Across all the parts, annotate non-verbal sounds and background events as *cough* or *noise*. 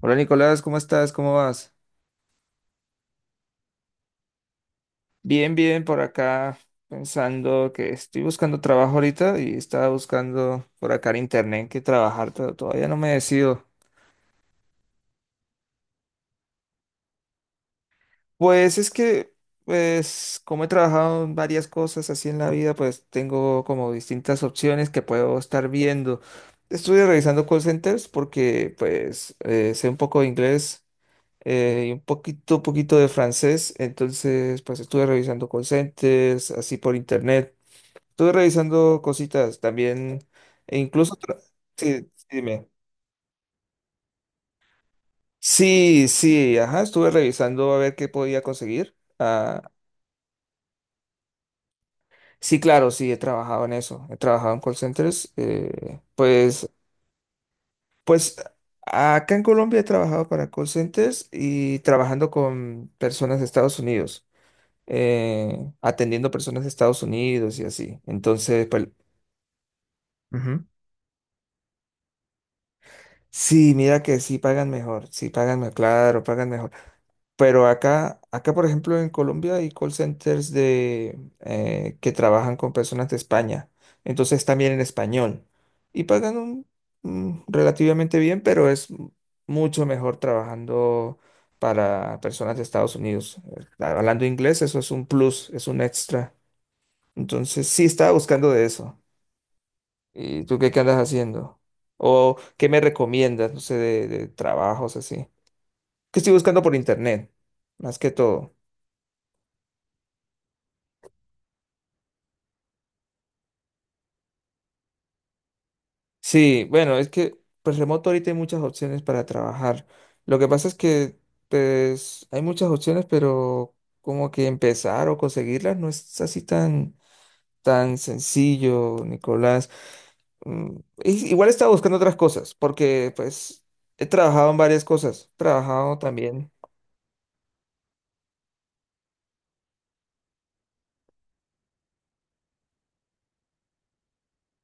Hola Nicolás, ¿cómo estás? ¿Cómo vas? Bien, bien, por acá pensando que estoy buscando trabajo ahorita y estaba buscando por acá en internet que trabajar, pero todavía no me decido. Pues es que, como he trabajado en varias cosas así en la vida, pues tengo como distintas opciones que puedo estar viendo. Estuve revisando call centers porque sé un poco de inglés y un poquito de francés, entonces pues estuve revisando call centers así por internet. Estuve revisando cositas también, e incluso, sí, sí, dime. Sí, sí, ajá, estuve revisando a ver qué podía conseguir. Ah, sí, claro, sí, he trabajado en eso, he trabajado en call centers. Pues acá en Colombia he trabajado para call centers y trabajando con personas de Estados Unidos, atendiendo personas de Estados Unidos y así. Entonces, pues, ujú. Sí, mira que sí pagan mejor, claro, pagan mejor. Pero acá, por ejemplo, en Colombia hay call centers que trabajan con personas de España. Entonces también en español. Y pagan un relativamente bien, pero mucho mejor trabajando para personas de Estados Unidos. Hablando inglés, eso es un plus, es un extra. Entonces sí estaba buscando de eso. ¿Y tú qué andas haciendo? ¿O qué me recomiendas, no sé, de trabajos así? Que estoy buscando por internet, más que todo. Sí, bueno, es que pues remoto ahorita hay muchas opciones para trabajar. Lo que pasa es que pues hay muchas opciones, pero como que empezar o conseguirlas no es así tan sencillo, Nicolás. Mm, Igual estaba buscando otras cosas, porque pues he trabajado en varias cosas. He trabajado también.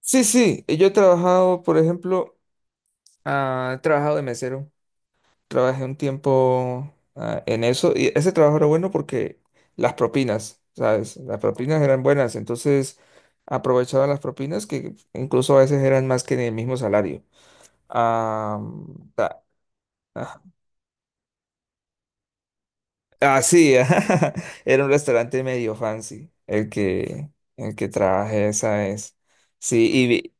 Sí, sí, yo he trabajado, por ejemplo, he trabajado de mesero. Trabajé un tiempo en eso y ese trabajo era bueno porque las propinas, ¿sabes? Las propinas eran buenas, entonces aprovechaban las propinas que incluso a veces eran más que en el mismo salario. Ah, ta- ah, sí, *laughs* ajá, era un restaurante medio fancy el que trabajé esa vez. Sí, y vi-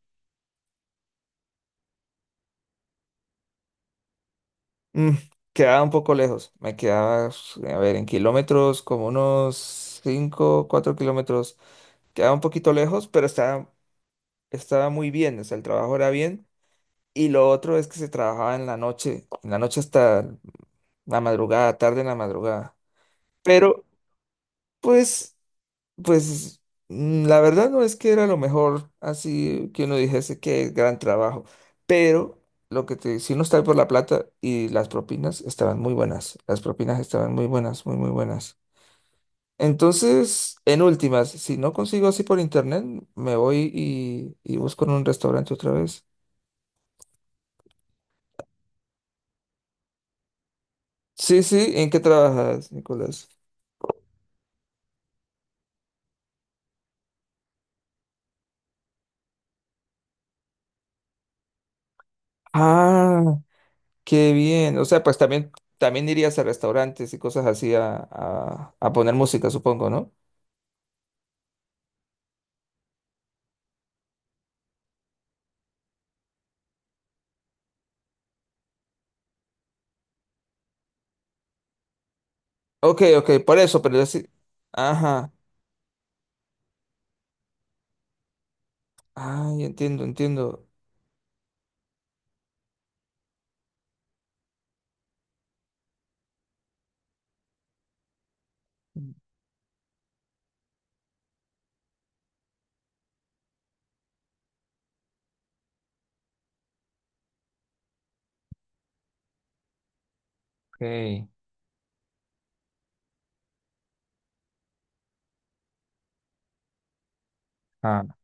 mm, quedaba un poco lejos, me quedaba, a ver, en kilómetros como unos 5 4 kilómetros. Quedaba un poquito lejos, pero estaba muy bien, o sea, el trabajo era bien. Y lo otro es que se trabajaba en la noche hasta la madrugada, tarde en la madrugada. Pero, pues, pues, la verdad no es que era lo mejor, así que uno dijese que gran trabajo. Pero lo que te, si uno está por la plata y las propinas estaban muy buenas, las propinas estaban muy buenas, muy, muy buenas. Entonces, en últimas, si no consigo así por internet, me voy y busco en un restaurante otra vez. Sí, sí, ¿en qué trabajas, Nicolás? Ah, qué bien. O sea, pues también, también irías a restaurantes y cosas así a poner música, supongo, ¿no? Ok, ok, por eso, pero yo sí. Ajá. Ay, entiendo, entiendo. Ok. Ah,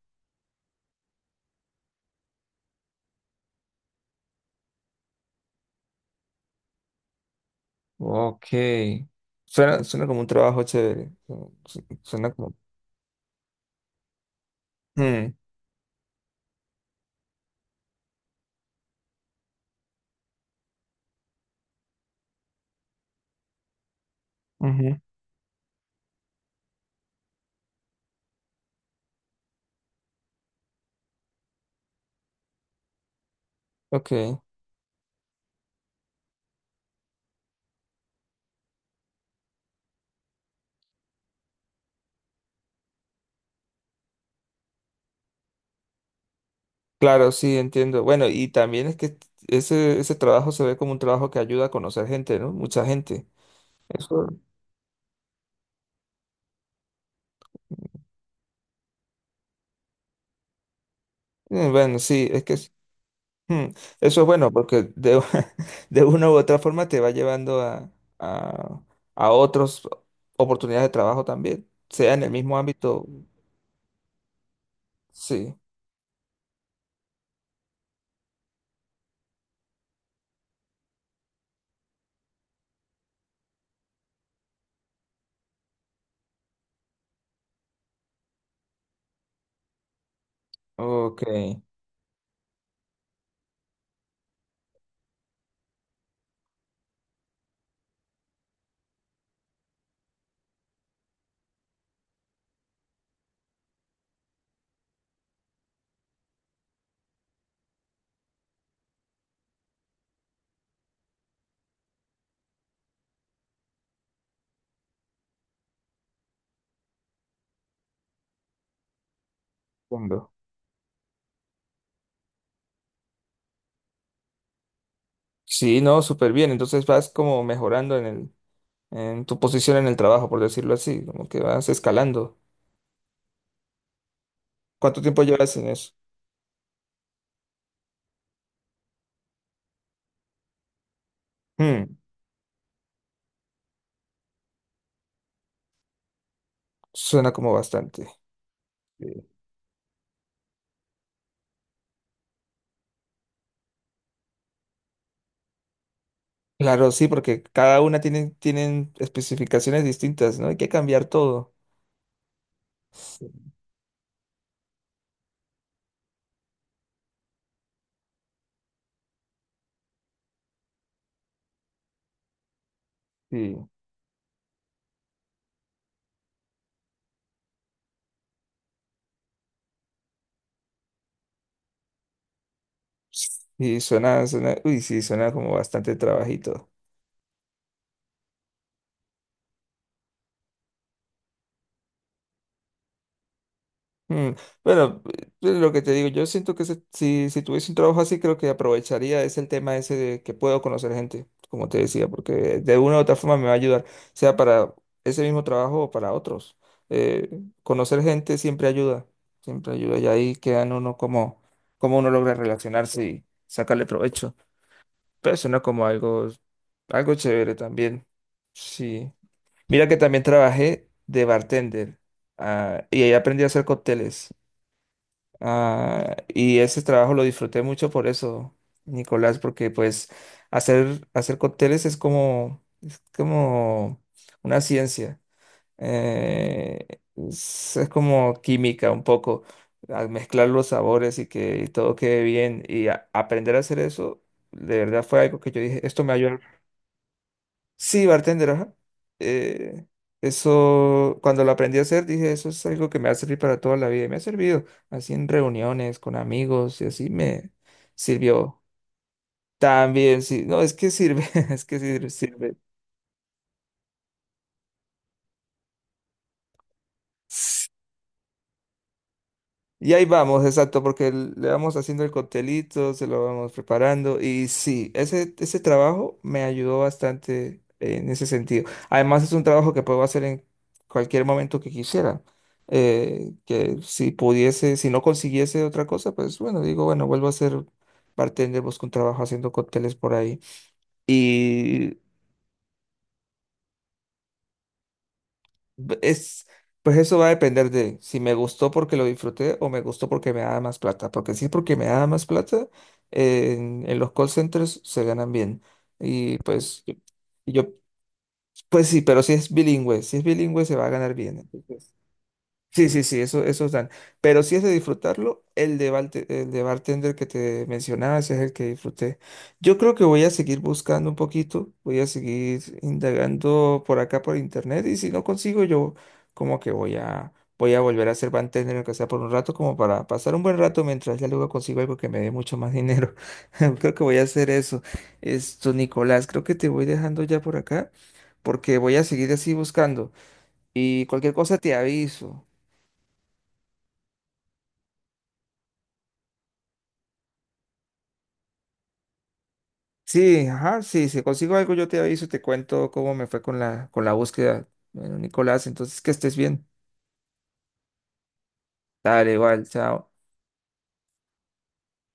ok. Suena, suena como un trabajo chévere. Suena como. Mm, ujú, ok. Claro, sí, entiendo. Bueno, y también es que ese trabajo se ve como un trabajo que ayuda a conocer gente, ¿no? Mucha gente. Eso, bueno, sí, es que es- hmm, eso es bueno porque *laughs* de una u otra forma te va llevando a, a otras oportunidades de trabajo también, sea en el mismo ámbito. Sí, ok, entiendo. Sí, no, súper bien. Entonces vas como mejorando en en tu posición en el trabajo, por decirlo así, como que vas escalando. ¿Cuánto tiempo llevas en eso? Hmm. Suena como bastante. Sí. Claro, sí, porque cada una tiene, tienen especificaciones distintas, ¿no? Hay que cambiar todo. Sí. Sí, suena, suena, uy, sí, suena como bastante trabajito. Mm, bueno, lo que te digo, yo siento si, si tuviese un trabajo así, creo que aprovecharía es el tema ese de que puedo conocer gente, como te decía, porque de una u otra forma me va a ayudar, sea para ese mismo trabajo o para otros. Eh, Conocer gente siempre ayuda, y ahí quedan uno como, como uno logra relacionarse y sacarle provecho. Pero suena como algo, algo chévere también. Sí. Mira que también trabajé de bartender, y ahí aprendí a hacer cócteles. Ah, y ese trabajo lo disfruté mucho por eso, Nicolás, porque pues hacer, hacer cócteles es como una ciencia. Eh, es como química un poco, al mezclar los sabores y que todo quede bien. Aprender a hacer eso, de verdad fue algo que yo dije, esto me ayuda. Sí, bartender, ajá. Eh, eso, cuando lo aprendí a hacer, dije, eso es algo que me va a servir para toda la vida. Y me ha servido así en reuniones con amigos y así me sirvió. También, sí, no, es que sirve, *laughs* es que sirve, sirve. Y ahí vamos, exacto, porque le vamos haciendo el coctelito, se lo vamos preparando. Y sí, ese trabajo me ayudó bastante en ese sentido. Además, es un trabajo que puedo hacer en cualquier momento que quisiera. Que si pudiese, si no consiguiese otra cosa, pues bueno, digo, bueno, vuelvo a ser bartender, busco un trabajo haciendo cócteles por ahí. Y es, pues eso va a depender de si me gustó porque lo disfruté o me gustó porque me da más plata. Porque si es porque me da más plata, en los call centers se ganan bien. Y pues yo, y yo- pues sí, pero si es bilingüe, si es bilingüe se va a ganar bien. Sí, sí, sí, eso, esos dan. Pero si es de disfrutarlo, el de bartender que te mencionaba, ese es el que disfruté. Yo creo que voy a seguir buscando un poquito, voy a seguir indagando por acá por internet y si no consigo yo como que voy a volver a ser bartender aunque sea por un rato como para pasar un buen rato mientras ya luego consigo algo que me dé mucho más dinero. *laughs* Creo que voy a hacer eso. Esto, Nicolás, creo que te voy dejando ya por acá porque voy a seguir así buscando y cualquier cosa te aviso. Sí, ajá, sí, si consigo algo yo te aviso, te cuento cómo me fue con con la búsqueda. Bueno, Nicolás, entonces que estés bien. Dale, igual, chao.